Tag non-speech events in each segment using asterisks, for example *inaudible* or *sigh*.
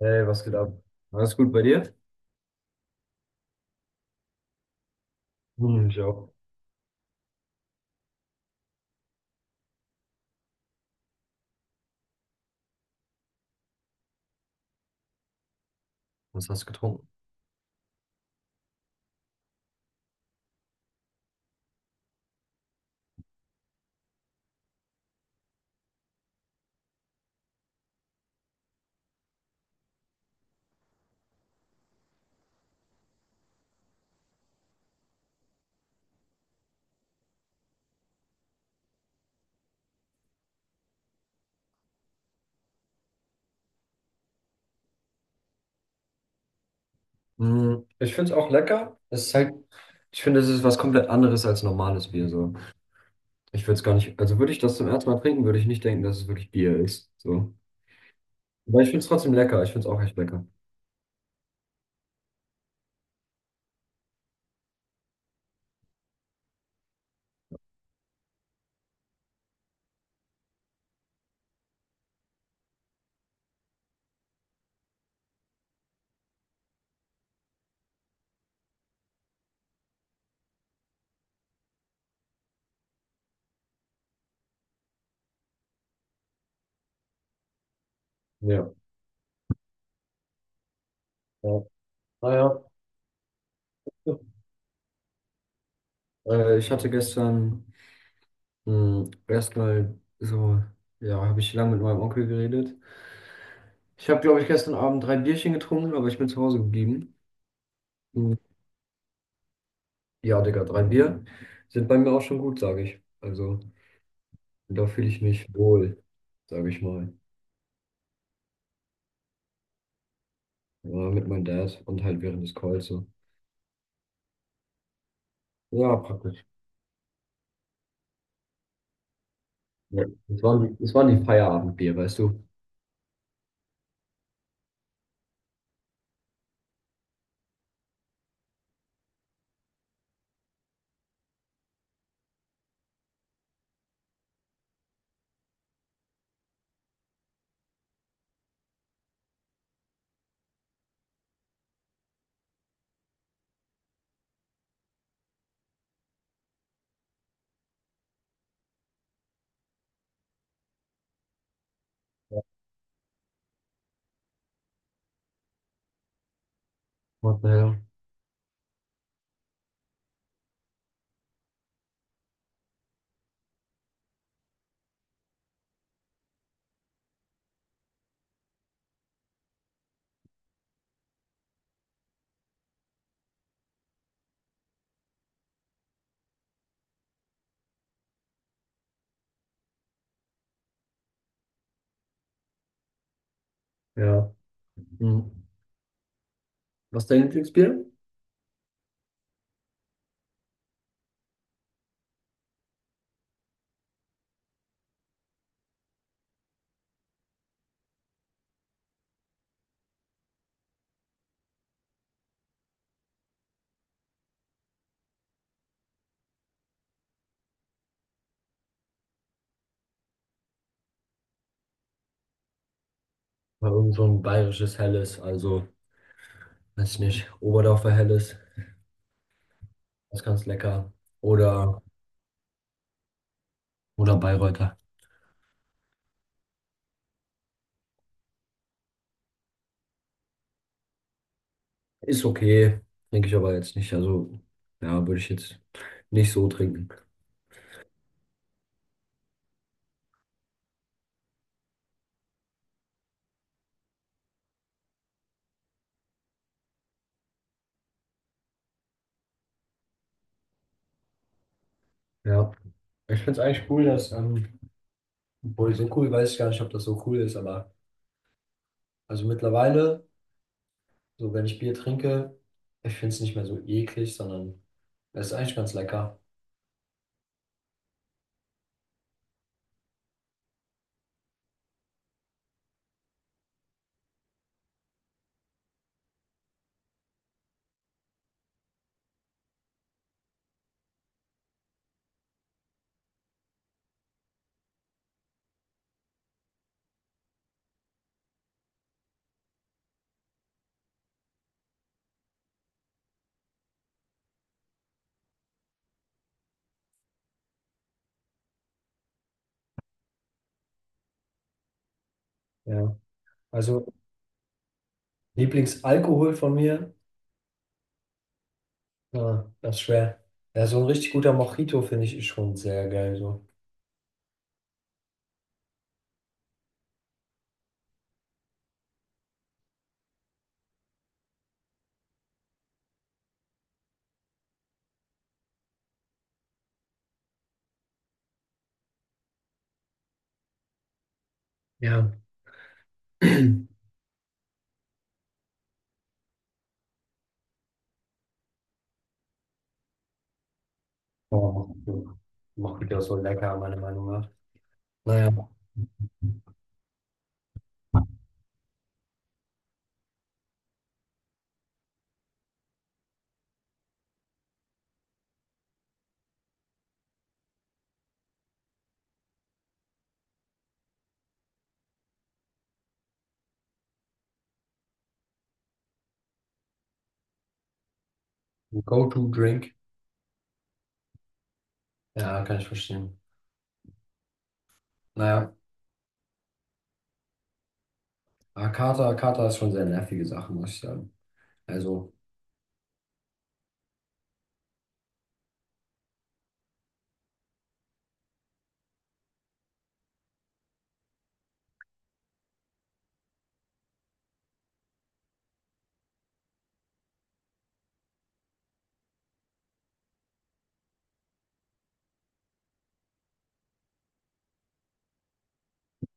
Hey, was geht ab? Alles gut bei dir? Hm, ich auch. Was hast du getrunken? Mm, ich finde es auch lecker. Es ist halt, ich finde, es ist was komplett anderes als normales Bier. So. Ich würde es gar nicht, also würde ich das zum ersten Mal trinken, würde ich nicht denken, dass es wirklich Bier ist. So. Aber ich finde es trotzdem lecker. Ich finde es auch echt lecker. Ja. Ja. Naja. Ich hatte gestern mh, erstmal so, ja, habe ich lange mit meinem Onkel geredet. Ich habe, glaube ich, gestern Abend drei Bierchen getrunken, aber ich bin zu Hause geblieben. Hm. Ja, Digga, drei Bier sind bei mir auch schon gut, sage ich. Also, da fühle ich mich wohl, sage ich mal. Ja, mit meinem Dad und halt während des Calls so. Ja, praktisch. Ja. Das waren die Feierabendbier, weißt du? Ja. What the hell? Ja. Hm. Was ist dein Lieblingsbier? Mal irgend so ein bayerisches Helles, also, weiß ich nicht, Oberdorfer Helles, das ist ganz lecker. Oder, oder Bayreuther. Ist okay, denke ich aber jetzt nicht. Also, ja, würde ich jetzt nicht so trinken. Ja, ich finde es eigentlich cool, dass, obwohl so cool weiß ich gar nicht, ob das so cool ist, aber also mittlerweile, so wenn ich Bier trinke, ich finde es nicht mehr so eklig, sondern es ist eigentlich ganz lecker. Ja, also Lieblingsalkohol von mir, ja, das ist schwer. Ja, so ein richtig guter Mojito finde ich schon sehr geil, so. Ja. *clears throat* Oh, Mojito. Mojito ist so lecker, meiner Meinung nach. Naja. Go-to-Drink. Ja, kann ich verstehen. Naja, Hakata, Hakata ist schon sehr nervige Sache, muss ich sagen. Also,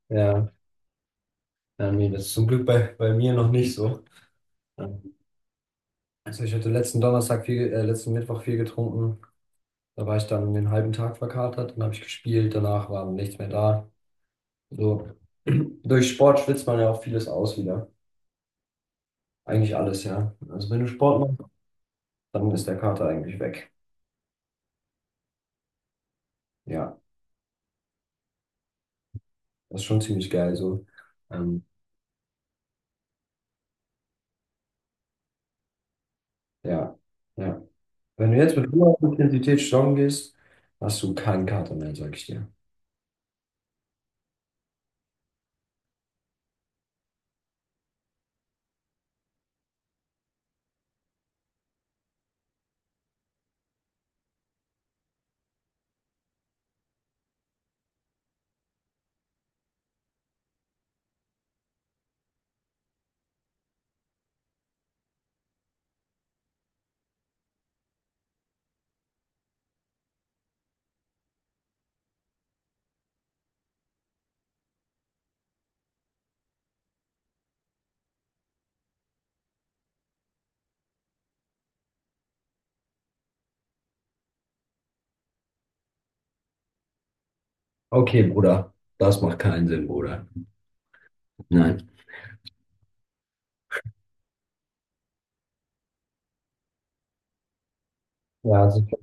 ja, ja, nee, das ist zum Glück bei mir noch nicht so. Ja. Also ich hatte letzten Donnerstag viel, letzten Mittwoch viel getrunken. Da war ich dann den halben Tag verkatert, dann habe ich gespielt, danach war nichts mehr da. So. *clears throat* Durch Sport schwitzt man ja auch vieles aus wieder. Eigentlich alles, ja. Also wenn du Sport machst, dann ist der Kater eigentlich weg. Ja, das ist schon ziemlich geil so. Ähm, ja, ja. Wenn du jetzt mit hoher Intensität joggen gehst, hast du keinen Kater mehr, sag ich dir. Okay, Bruder, das macht keinen Sinn, Bruder. Nein. Ja, sicher.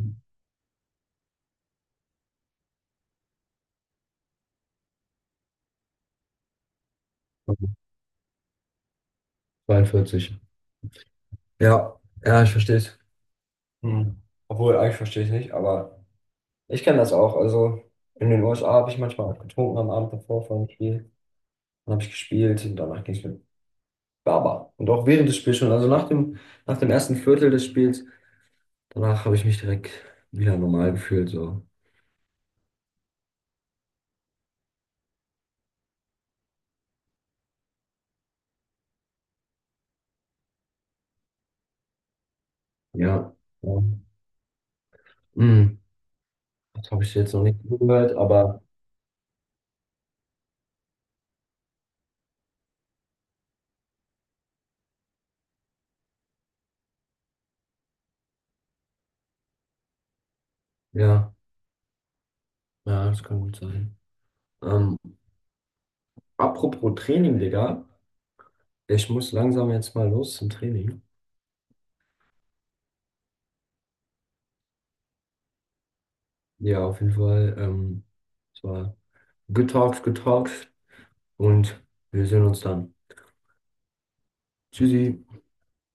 42. Ja, ja, ich verstehe es. Hm. Obwohl, eigentlich verstehe ich nicht, aber ich kenne das auch. Also in den USA habe ich manchmal auch getrunken am Abend davor vor dem Spiel. Dann habe ich gespielt und danach ging es mir Baba. Und auch während des Spiels schon, also nach dem ersten Viertel des Spiels, danach habe ich mich direkt wieder normal gefühlt. So. Ja. Ja. Hm, das habe ich jetzt noch nicht gehört, aber ja, ja, das kann gut sein. Ähm, apropos Training, Digga. Ich muss langsam jetzt mal los zum Training. Ja, auf jeden Fall. Es war good talks, und wir sehen uns dann. Tschüssi.